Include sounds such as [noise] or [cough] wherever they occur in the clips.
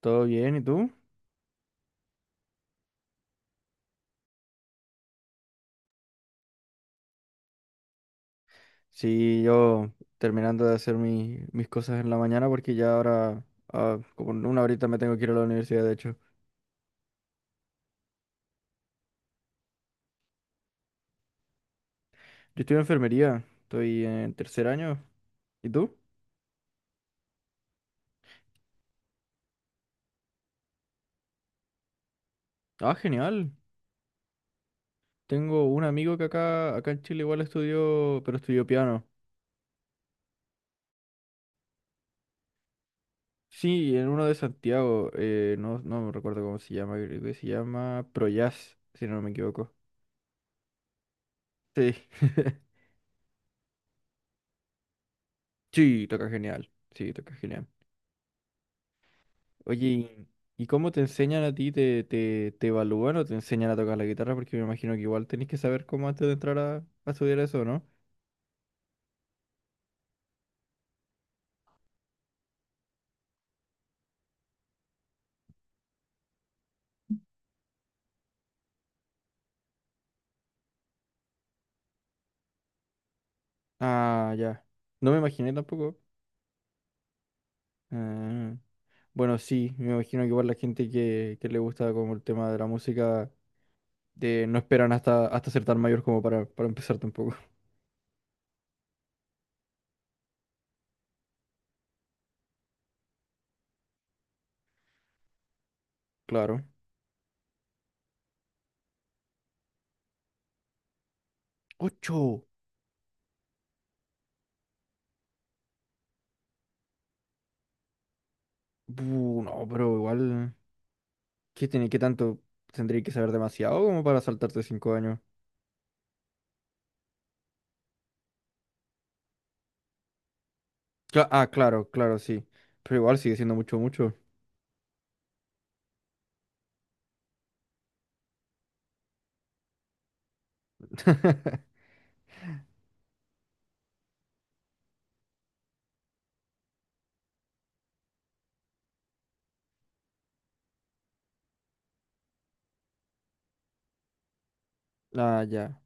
¿Todo bien? ¿Y tú? Sí, yo terminando de hacer mis cosas en la mañana porque ya ahora, como en una horita me tengo que ir a la universidad, de hecho. Yo estoy en enfermería, estoy en tercer año. ¿Y tú? Ah, genial. Tengo un amigo que acá en Chile igual estudió, pero estudió piano. Sí, en uno de Santiago, no, no me recuerdo cómo se llama, creo que se llama Projazz, si no me equivoco. Sí, [laughs] sí, toca genial, sí, toca genial. Oye, ¿y cómo te enseñan a ti? ¿Te evalúan o te enseñan a tocar la guitarra? Porque me imagino que igual tenés que saber cómo antes de entrar a estudiar eso, ¿no? Ah, ya. No me imaginé tampoco. Ah, Bueno, sí, me imagino que igual la gente que le gusta como el tema de la música de, no esperan hasta ser tan mayor como para empezar tampoco. [laughs] Claro. ¡Ocho! Bu, no, pero igual. ¿Qué tiene, qué tanto? ¿Tendría que saber demasiado como para saltarte cinco años? Claro, claro, sí. Pero igual sigue siendo mucho, mucho. [laughs] Ah, ya.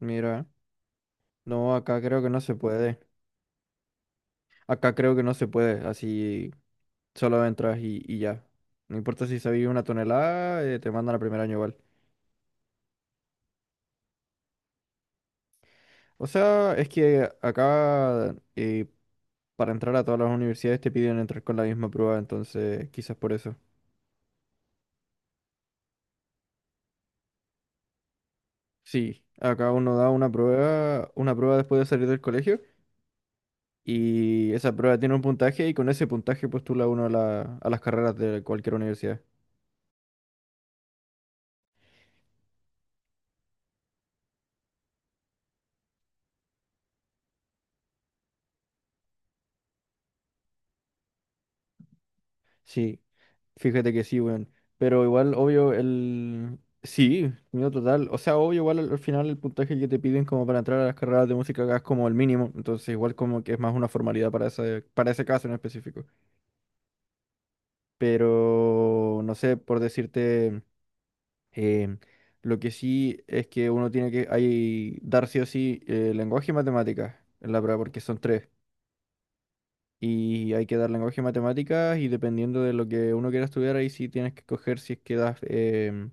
Mira. No, acá creo que no se puede. Acá creo que no se puede. Así solo entras y ya. No importa si sabías una tonelada, te mandan al primer año igual. O sea, es que acá para entrar a todas las universidades te piden entrar con la misma prueba, entonces quizás por eso. Sí, acá uno da una prueba después de salir del colegio. Y esa prueba tiene un puntaje y con ese puntaje postula uno a las carreras de cualquier universidad. Sí, fíjate que sí, weón. Pero igual, obvio, el. Sí, miedo total. O sea, obvio, igual al final el puntaje que te piden como para entrar a las carreras de música acá es como el mínimo. Entonces igual como que es más una formalidad para ese caso en específico. Pero, no sé, por decirte. eh, lo que sí es que uno tiene que hay, dar sí o sí lenguaje y matemáticas en la prueba porque son tres. Y hay que dar lenguaje y matemáticas y dependiendo de lo que uno quiera estudiar, ahí sí tienes que coger si es que das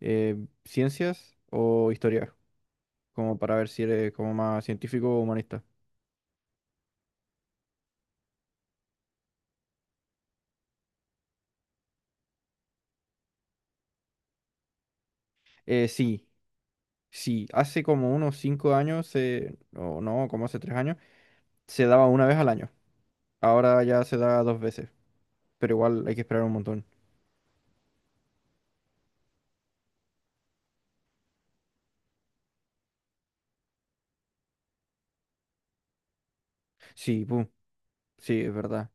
eh, ciencias o historia, como para ver si eres como más científico o humanista. Sí, sí, hace como unos 5 años, o no, como hace 3 años, se daba una vez al año. Ahora ya se da dos veces, pero igual hay que esperar un montón. Sí, pum, sí, es verdad,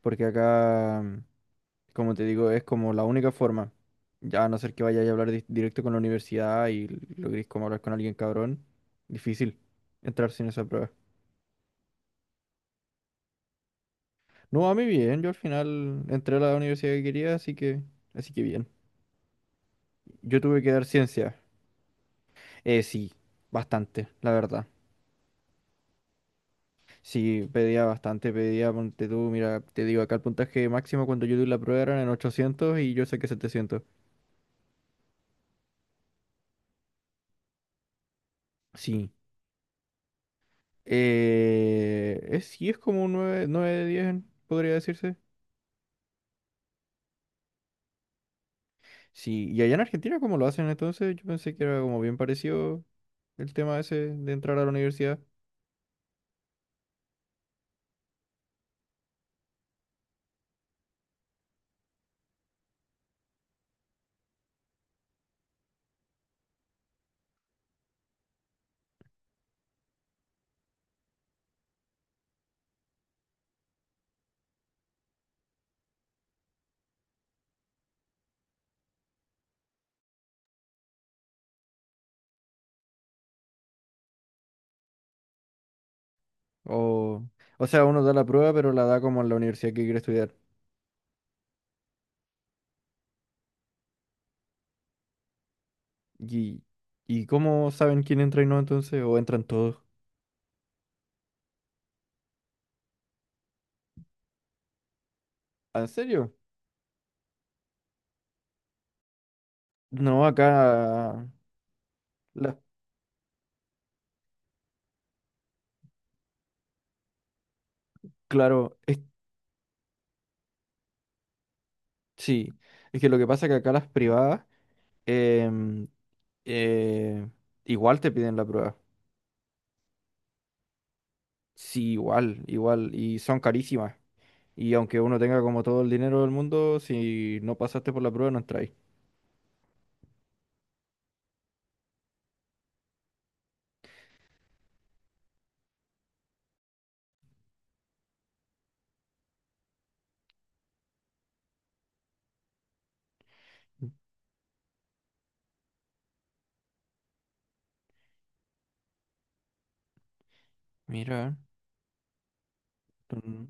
porque acá. Como te digo, es como la única forma. Ya a no ser que vaya a hablar directo con la universidad y logres como hablar con alguien cabrón, difícil entrar sin esa prueba. No, a mí bien, yo al final entré a la universidad que quería, así que bien. Yo tuve que dar ciencia. Sí, bastante, la verdad. Sí, pedía bastante, pedía, ponte tú, mira, te digo, acá el puntaje máximo cuando yo di la prueba eran en 800 y yo saqué 700. Sí. Sí, es como un 9 9 de 10 podría decirse. Sí, y allá en Argentina, ¿cómo lo hacen entonces? Yo pensé que era como bien parecido el tema ese de entrar a la universidad. O, o sea, uno da la prueba, pero la da como en la universidad que quiere estudiar. ¿Y, y cómo saben quién entra y no entonces? ¿O entran todos? ¿En serio? No, acá, las- claro, sí. Es que lo que pasa es que acá las privadas em, eh, igual te piden la prueba. Sí, igual, igual. Y son carísimas. Y aunque uno tenga como todo el dinero del mundo, si no pasaste por la prueba, no entráis. Mira. Mm.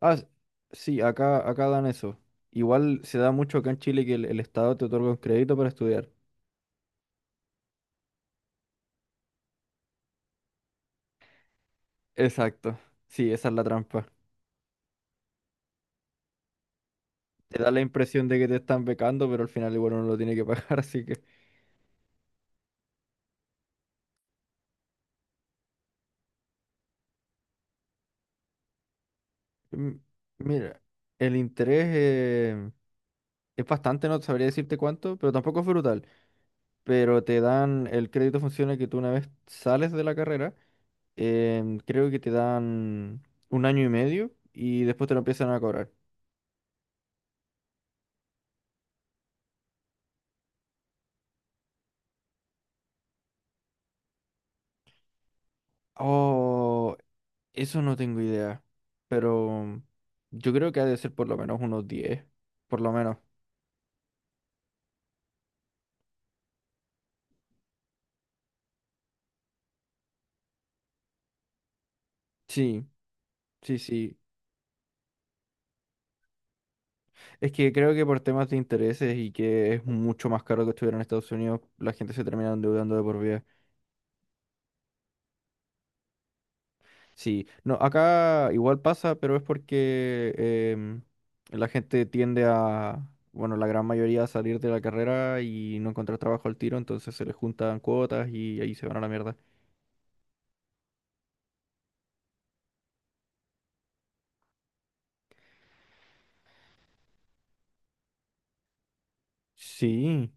Ah, s- sí, acá dan eso. Igual se da mucho acá en Chile que el Estado te otorga un crédito para estudiar. Exacto. Sí, esa es la trampa. Te da la impresión de que te están becando, pero al final igual uno lo tiene que pagar, [laughs] así que. Mm. Mira, el interés es bastante, no sabría decirte cuánto, pero tampoco es brutal. Pero te dan, el crédito funciona que tú una vez sales de la carrera, creo que te dan un año y medio y después te lo empiezan a cobrar. Oh, eso no tengo idea, pero yo creo que ha de ser por lo menos unos 10 por lo menos. Sí, sí, sí. Es que creo que por temas de intereses y que es mucho más caro que estuviera en Estados Unidos, la gente se termina endeudando de por vida. Sí, no, acá igual pasa, pero es porque la gente tiende a, bueno, la gran mayoría a salir de la carrera y no encontrar trabajo al tiro, entonces se les juntan cuotas y ahí se van a la mierda. Sí,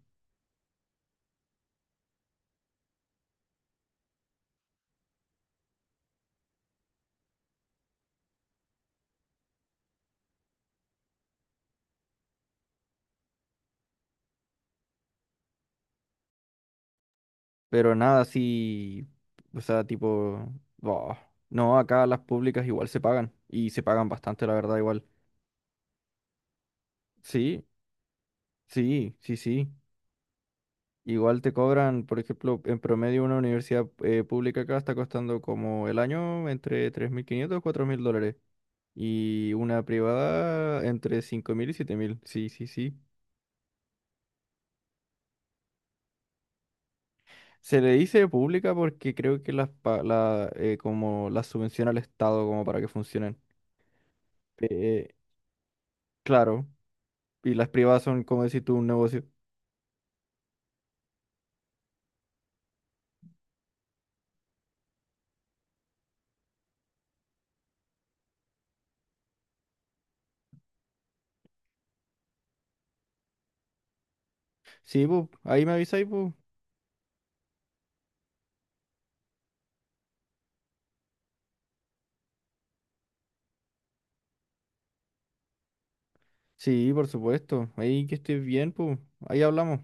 pero nada así, o sea, tipo, boh, no, acá las públicas igual se pagan y se pagan bastante, la verdad, igual. Sí, sí, sí, sí. Igual te cobran, por ejemplo, en promedio una universidad pública acá está costando como el año entre 3.500 $4.000. Y una privada entre 5.000 y 7.000. Sí, sí, sí. Se le dice pública porque creo que como las subvenciona el Estado como para que funcionen. Eh, claro. Y las privadas son, como decir tú, un negocio. Sí, pues, ahí me avisáis, pues. Sí, por supuesto. Ahí que estés bien, pues. Ahí hablamos.